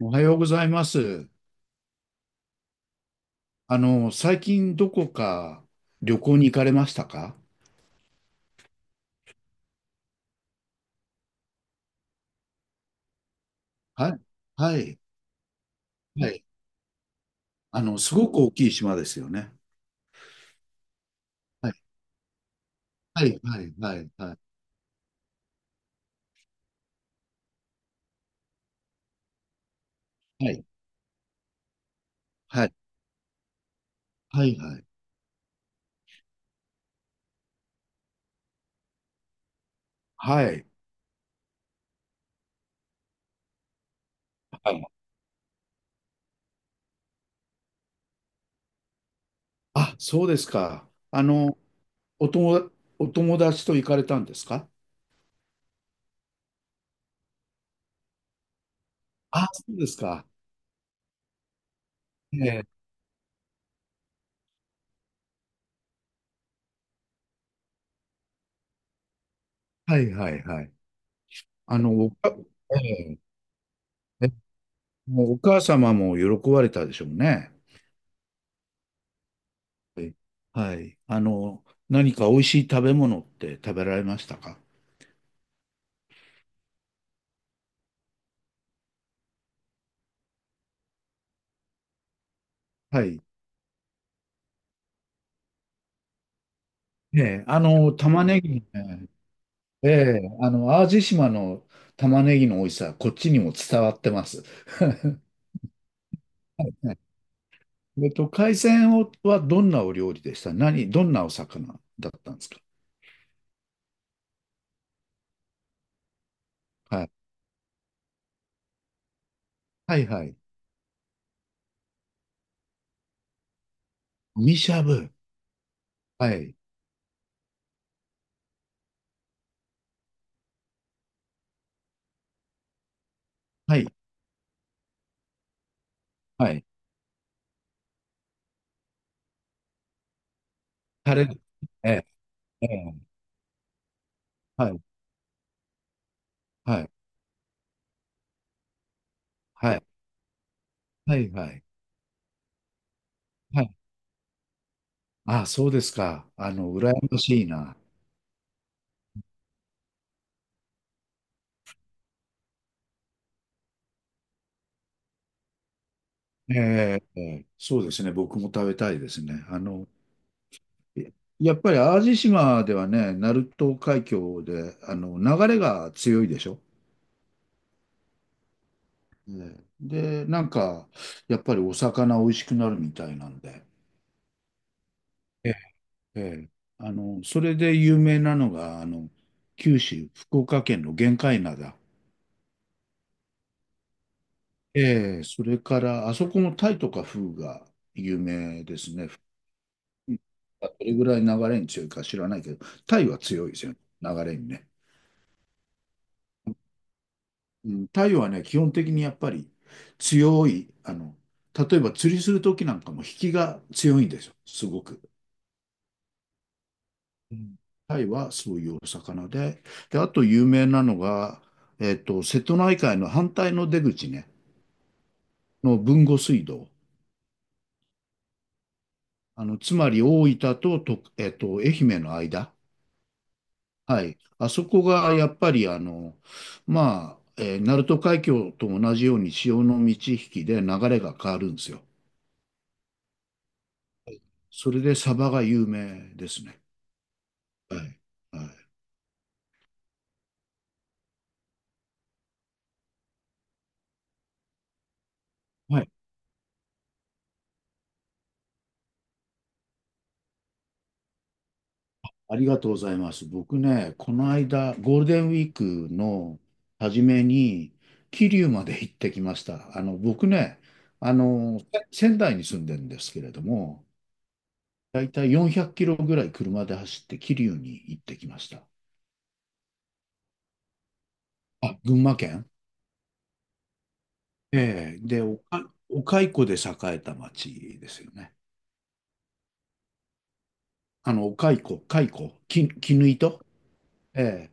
おはようございます。最近どこか旅行に行かれましたか？はい。はい。はい。すごく大きい島ですよね。はい。はい。はい。はい。はい。はい。はい。はい。はい。はいはい。あ、そうですか。お友、お友達と行かれたんですか？あ、そうですか。ええ。はい。はい。はい。あの、おか、ええ。えもうお母様も喜ばれたでしょうね。い。はい。何か美味しい食べ物って食べられましたか？はい。ええ、玉ねぎね、ええ、淡路島の玉ねぎの美味しさ、こっちにも伝わってます。はい。海鮮をはどんなお料理でしたどんなお魚だったんですか？はい。はいはい。みしゃぶ。はい。はい。はい。タレ。ええ、ええ、はい。はい。はい。はい。はい。はい。ああ、そうですか。羨ましいな。ええ、そうですね。僕も食べたいですね。えやっぱり淡路島ではね、鳴門海峡で、流れが強いでしょ。ええ。で、なんか、やっぱりお魚美味しくなるみたいなんで。ええ、ええ。それで有名なのが、九州、福岡県の玄界灘。ええ、それから、あそこもタイとかフグが有名ですね。どれぐらい流れに強いか知らないけど、タイは強いですよね、流れにね。うん、太陽はね、基本的にやっぱり強い、例えば釣りするときなんかも引きが強いんですよ、すごく。うん。タイはそういうお魚で、で、あと有名なのが、瀬戸内海の反対の出口ね、の豊後水道。つまり大分と、愛媛の間。はい。あそこがやっぱり、まあ、鳴門海峡と同じように潮の満ち引きで流れが変わるんですよ。それでサバが有名ですね。はい。はい。はい。ありがとうございます。僕ね、この間、ゴールデンウィークの初めに、桐生まで行ってきました。僕ね、仙台に住んでるんですけれども、だいたい400キロぐらい車で走って桐生に行ってきました。あ、群馬県。ええ。で、お蚕で栄えた町ですよね。あの、お蚕、蚕、き、絹糸。え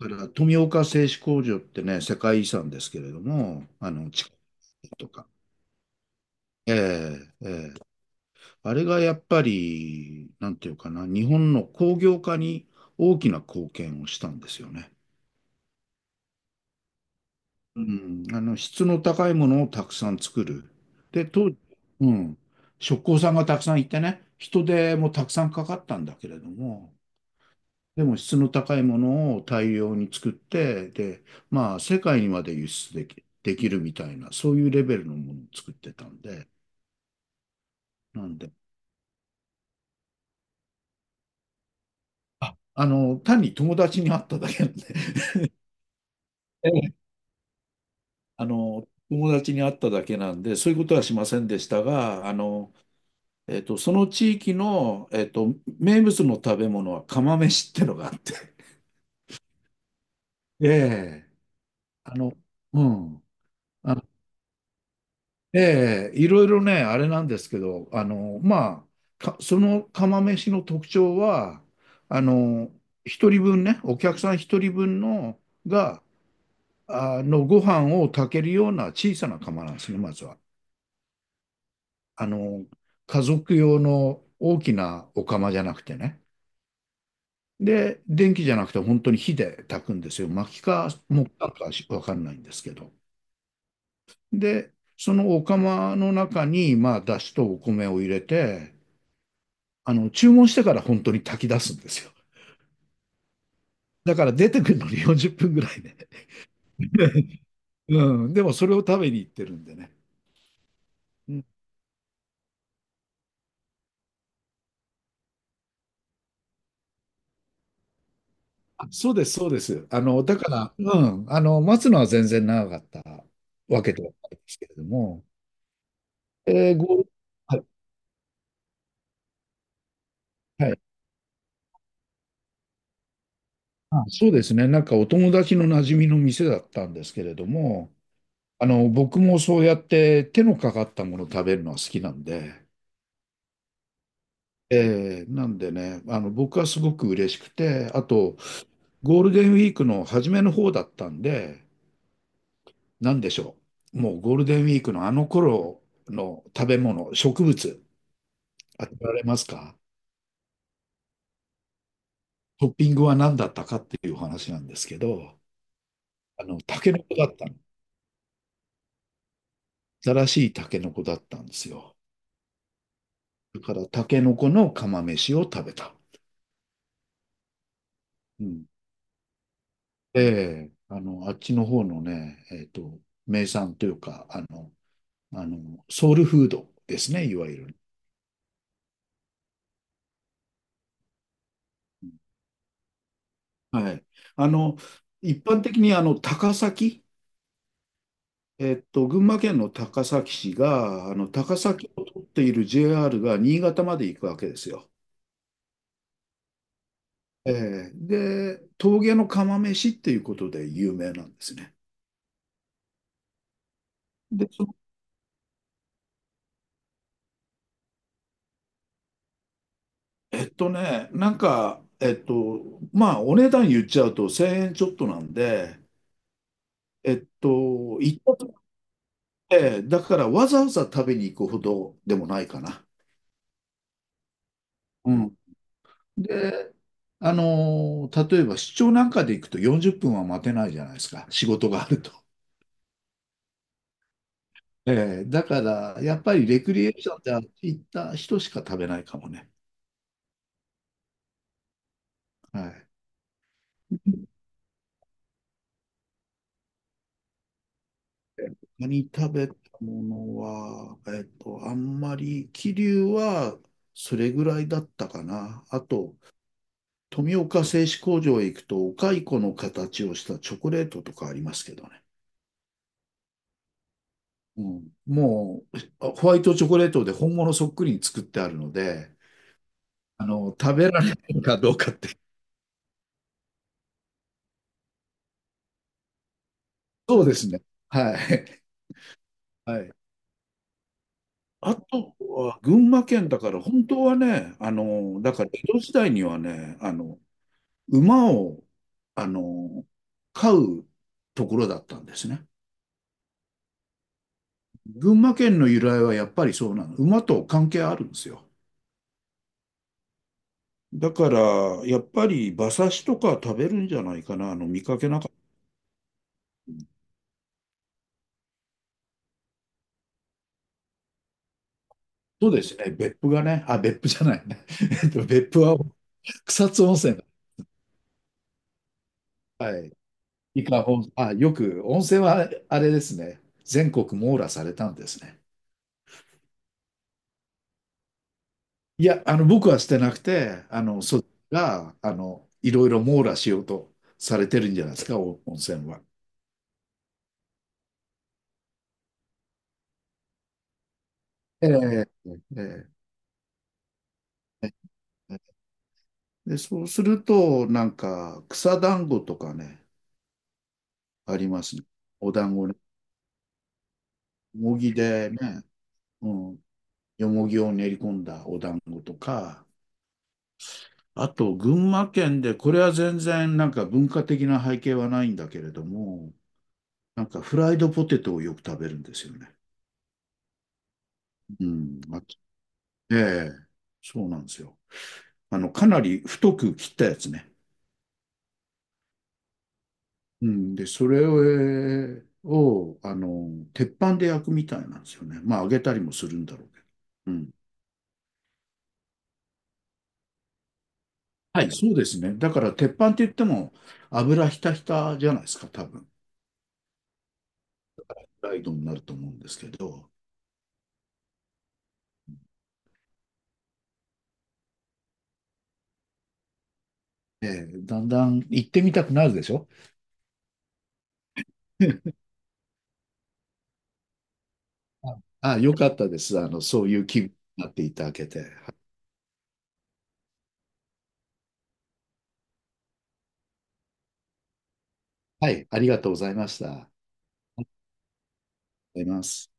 だから富岡製糸工場ってね、世界遺産ですけれども、地下とか。ええ。ええ。あれがやっぱり、なんていうかな、日本の工業化に大きな貢献をしたんですよね。うん、質の高いものをたくさん作る。で、当時、うん、職工さんがたくさんいてね、人手もたくさんかかったんだけれども、でも質の高いものを大量に作って、で、まあ世界にまで輸出できるみたいな、そういうレベルのものを作ってたんで、なんで、単に友達に会っただけなんで、ええ、友達に会っただけなんで、そういうことはしませんでしたが、その地域の、名物の食べ物は釜飯ってのがあって、ええ、あの、うん。ええ、いろいろね、あれなんですけど、まあ、その釜飯の特徴は、あの、一人分ね、お客さん一人分の、が、ご飯を炊けるような小さな釜なんですね、まずは。あの、家族用の大きなお釜じゃなくてね。で、電気じゃなくて本当に火で炊くんですよ。薪か木炭かしわかんないんですけど。で、そのお釜の中に、まあ、だしとお米を入れて、注文してから本当に炊き出すんですよ。だから出てくるのに40分ぐらいね。うん、でもそれを食べに行ってるんでね。うん。あ、そうです、そうです。だから、うん、待つのは全然長かったわけではないですけれども、えーご、はい、はい。あ、そうですね。なんかお友達の馴染みの店だったんですけれども、僕もそうやって手のかかったものを食べるのは好きなんで、なんでね、僕はすごく嬉しくて、あと、ゴールデンウィークの初めの方だったんで、なんでしょう。もうゴールデンウィークのあの頃の食べ物、植物、当てられますか？トッピングは何だったかっていう話なんですけど、タケノコだったの。新しいタケノコだったんですよ。だからタケノコの釜飯を食べた。うん。で、あっちの方のね、名産というか、ソウルフードですね、いわゆる。はい。あの、一般的にあの高崎、群馬県の高崎市が、あの高崎を取っている JR が新潟まで行くわけですよ。ええ。で、峠の釜飯っていうことで有名なんですね。で、そのなんか、まあ、お値段言っちゃうと1000円ちょっとなんで、えっと、行ったとこで、だからわざわざ食べに行くほどでもないかな。うん。で、例えば出張なんかで行くと40分は待てないじゃないですか。仕事があると。ええ。だから、やっぱりレクリエーションで行った人しか食べないかもね。はい。他に食べたものは、あんまり、桐生はそれぐらいだったかな。あと、富岡製糸工場へ行くと、お蚕の形をしたチョコレートとかありますけどね。うん、もう、ホワイトチョコレートで本物そっくりに作ってあるので、食べられるかどうかって。そうですね。はい。はい。あとは群馬県だから、本当はね、だから江戸時代にはね、馬を、あの、飼うところだったんですね。群馬県の由来はやっぱりそうなの。馬と関係あるんですよ。だから、やっぱり馬刺しとか食べるんじゃないかな、見かけなかった。そうですね。別府がね、あ、別府じゃないね。別府は草津温泉だ。はい。伊香保、あ、よく、温泉はあれですね、全国網羅されたんですね。いや、僕はしてなくて、そっちが、いろいろ網羅しようとされてるんじゃないですか、お温泉は。ええ。ええ。ええ。で、そうすると、なんか、草団子とかね、ありますね。お団子ね。よもぎでね、うん、よもぎを練り込んだお団子とか、あと、群馬県で、これは全然なんか文化的な背景はないんだけれども、なんかフライドポテトをよく食べるんですよね。うん。あ、ええ、そうなんですよ。かなり太く切ったやつね。うん。で、それを鉄板で焼くみたいなんですよね。まあ、揚げたりもするんだろうけど。うん。はい、そうですね。だから、鉄板って言っても、油ひたひたじゃないですか、多分。フライドになると思うんですけど、ええ、だんだん行ってみたくなるでしょ？ あ、よかったです。そういう気分になっていただけて。はい、ありがとうございました。ありがとうございます。